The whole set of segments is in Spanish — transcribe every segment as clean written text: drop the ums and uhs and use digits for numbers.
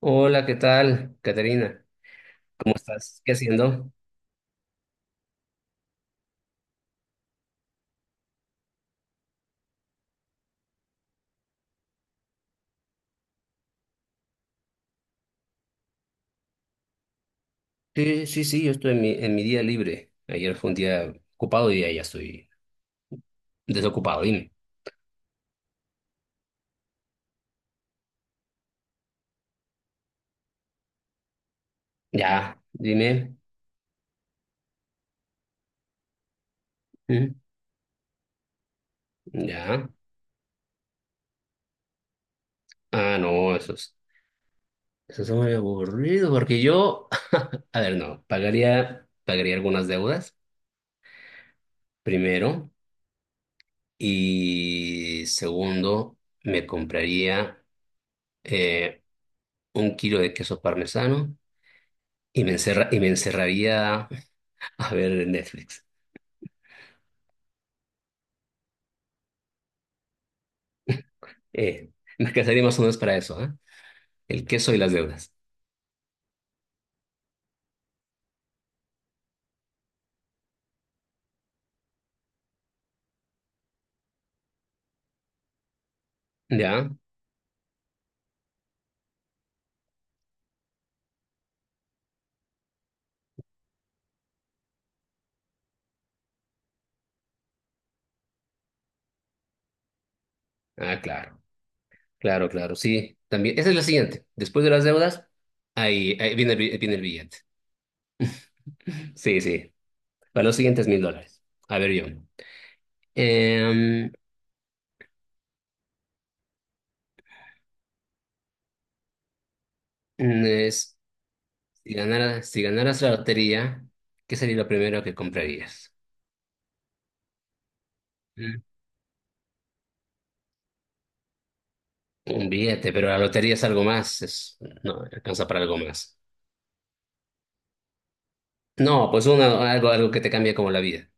Hola, ¿qué tal, Caterina? ¿Cómo estás? ¿Qué haciendo? Sí, sí, sí, yo estoy en mi día libre. Ayer fue un día ocupado y ya estoy desocupado, dime. Ya, dime. ¿Mm? Ya. Ah, no, eso es muy aburrido porque yo, a ver, no, pagaría algunas deudas, primero, y segundo, me compraría eh, un kilo de queso parmesano y y me encerraría a ver Netflix. Eh, Me casaría más o menos para eso, ¿eh? El queso y las deudas. ¿Ya? Ah, claro, claro, claro, sí. También, esa es la siguiente. Después de las deudas, ahí viene, viene el billete. Sí, sí. Para los siguientes mil dólares. A ver, yo. Em, es- si ganaras la lotería, ¿qué sería lo primero que comprarías? Mm. Un billete, pero la lotería es algo más, es, no, alcanza para algo más. No, pues una, algo que te cambia como la vida.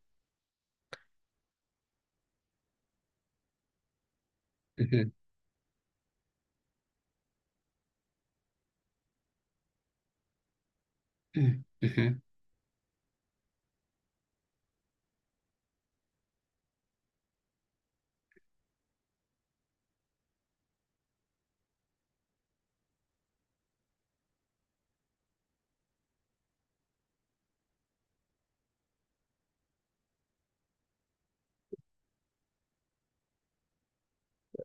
Mm, ujú.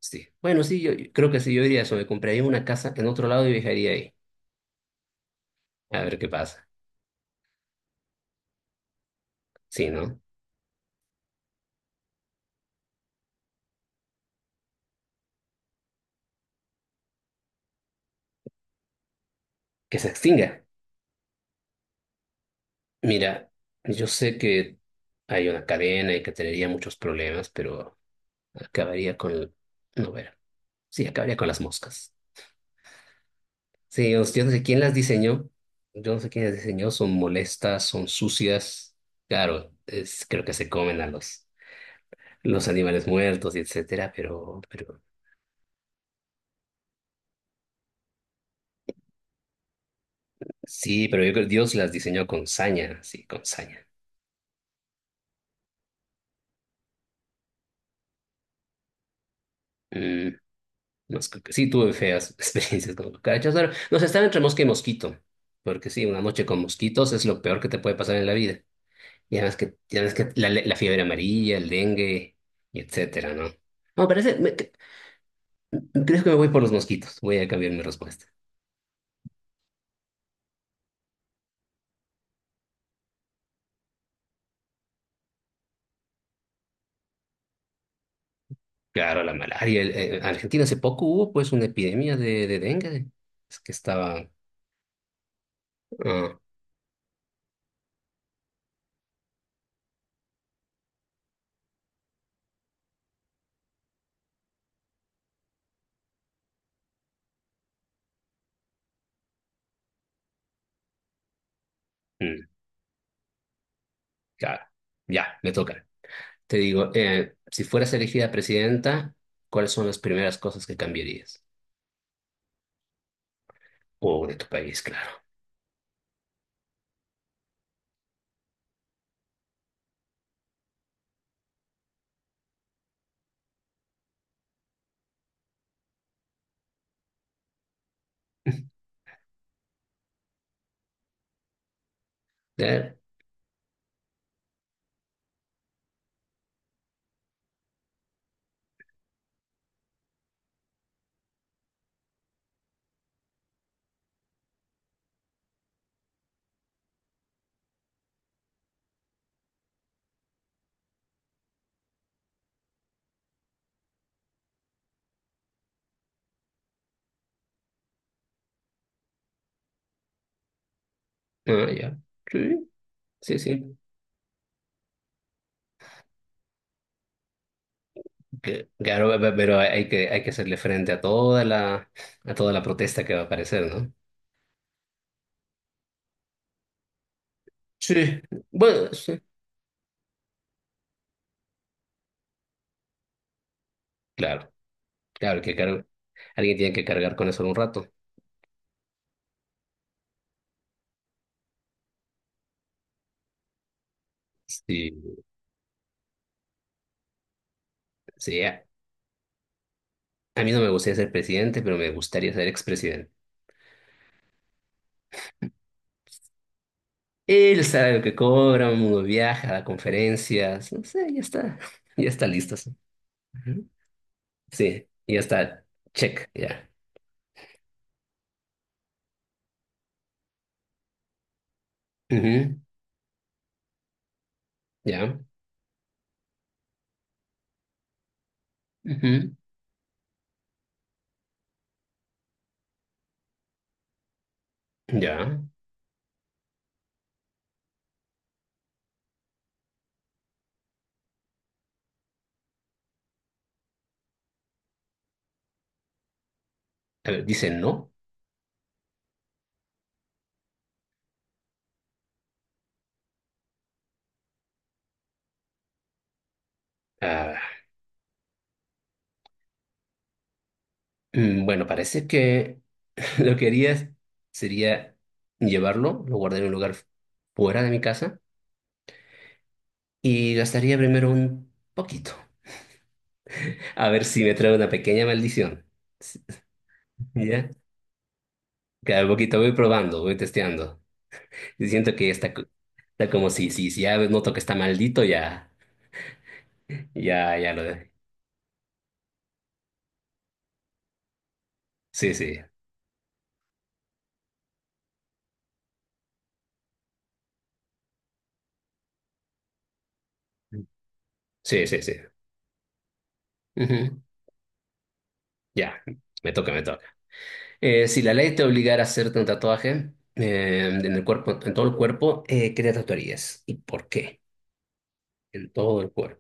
Sí. Bueno, sí, yo creo que sí, yo diría eso, me compraría una casa en otro lado y viajaría ahí, a ver qué pasa. Sí, ¿no? Que se extinga. Mira, yo sé que hay una cadena y que tendría muchos problemas, pero acabaría con el. No, ver. Sí, acabaría con las moscas. Sí, yo no sé quién las diseñó, yo no sé quién las diseñó, son molestas, son sucias. Claro, es, creo que se comen a los animales muertos y etcétera, pero. Sí, pero yo creo que Dios las diseñó con saña, sí, con saña. Mm, no es que- sí, tuve feas experiencias con cucarachas. Ahora, nos están entre mosca y mosquito, porque sí, una noche con mosquitos es lo peor que te puede pasar en la vida. Y además que, ya ves que la fiebre amarilla, el dengue, y etcétera, ¿no? No, parece, creo que me voy por los mosquitos, voy a cambiar mi respuesta. Claro, la malaria. El- en Argentina hace poco hubo pues una epidemia de dengue, es que estaba. Ah, mm, claro, ya, me toca. Te digo, si fueras elegida presidenta, ¿cuáles son las primeras cosas que cambiarías? O de tu país, claro. Eh, ah, ya. Sí, sí, sí. Claro, pero hay que hacerle frente a toda la protesta que va a aparecer, ¿no? Sí. Bueno, sí. Claro, claro, que cargo. Alguien tiene que cargar con eso un rato. Sí, sí. A mí no me gustaría ser presidente, pero me gustaría ser expresidente. Él sabe lo que cobra, uno viaja a conferencias, no sé, ya está, ya está listo. Sí, ujú. Sí, ya está, check, ya. Ujú, ya, ujú, ya. A ver, dice no. Ah, mm, bueno, parece que lo que haría sería llevarlo, lo guardaría en un lugar fuera de mi casa y gastaría primero un poquito. A ver si me trae una pequeña maldición. Sí, ya, cada poquito voy probando, voy testeando. Y siento que está, está como si ya noto que está maldito, ya, ya, ya lo de. Sí, sí. Sí, sí, sí. Ujú. Ya, me toca, me toca. Si la ley te obligara a hacerte un tatuaje en el cuerpo, en todo el cuerpo, ¿qué te tatuarías? ¿Y por qué? En todo el cuerpo.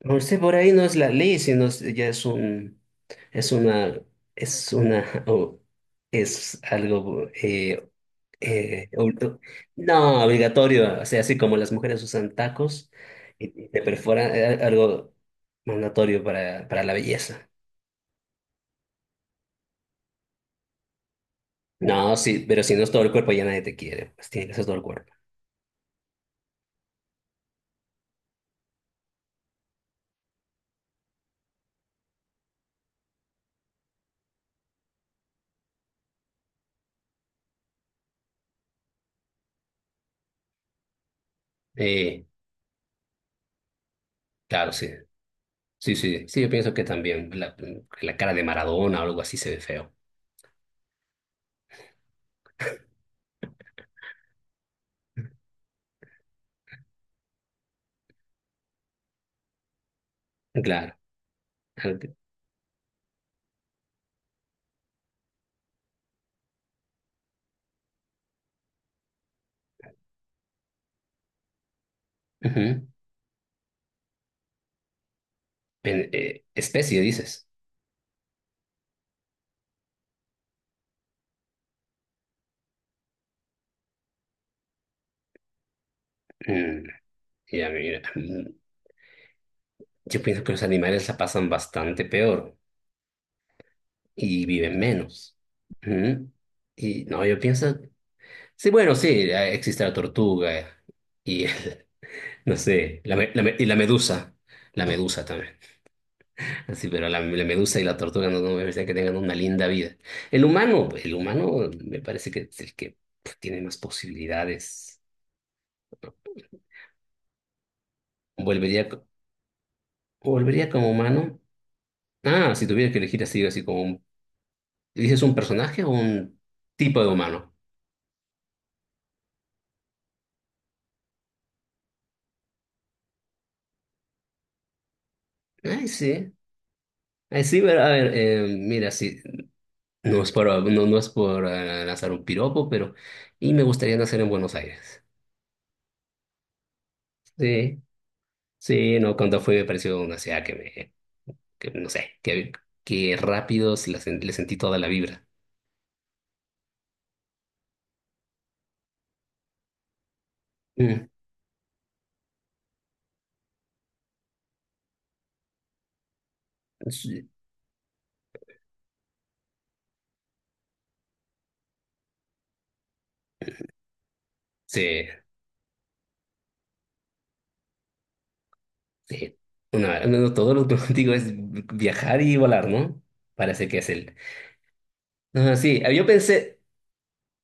No sé, por ahí no es la ley, sino ya es un, es una, es una, o es algo Eh, ob- no, obligatorio, o sea, así como las mujeres usan tacos y te perforan, algo mandatorio para la belleza. No, sí, pero si no es todo el cuerpo ya nadie te quiere, pues tiene que ser todo el cuerpo. Eh, claro, sí, sí, sí, sí, yo pienso que también la cara de Maradona o algo así se ve feo. Claro. Ujú. Especie, dices. Mm, ya, mira, yo pienso que los animales la pasan bastante peor. Y viven menos. Ujú. Y no, yo pienso, sí, bueno, sí, existe la tortuga y, no sé, y la medusa también. Ah, sí, pero la medusa y la tortuga no, no me parece que tengan una linda vida. El humano me parece que es el que tiene más posibilidades. Volvería, co- volvería como humano. Ah, si tuviera que elegir así, así como ¿dices un personaje o un tipo de humano? Ay, sí. Ay, sí, pero a ver, mira, sí. No, no es por lanzar un piropo, pero. Y me gustaría nacer en Buenos Aires. Sí, sí, no, cuando fui me pareció una ciudad que me. Que, no sé, que rápido le sentí toda la vibra. Mm, sí, sí. Sí. No, no, todo lo que digo es viajar y volar, ¿no? Parece que es el. Ah, sí, yo pensé.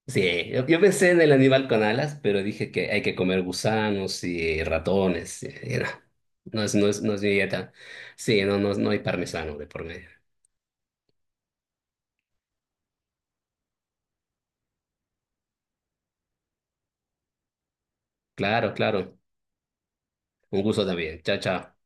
Sí, yo pensé en el animal con alas, pero dije que hay que comer gusanos y ratones. Y no, no es mi dieta. Sí, no, no, no hay parmesano de por medio. Claro, claro. Un gusto también. Chao, chao.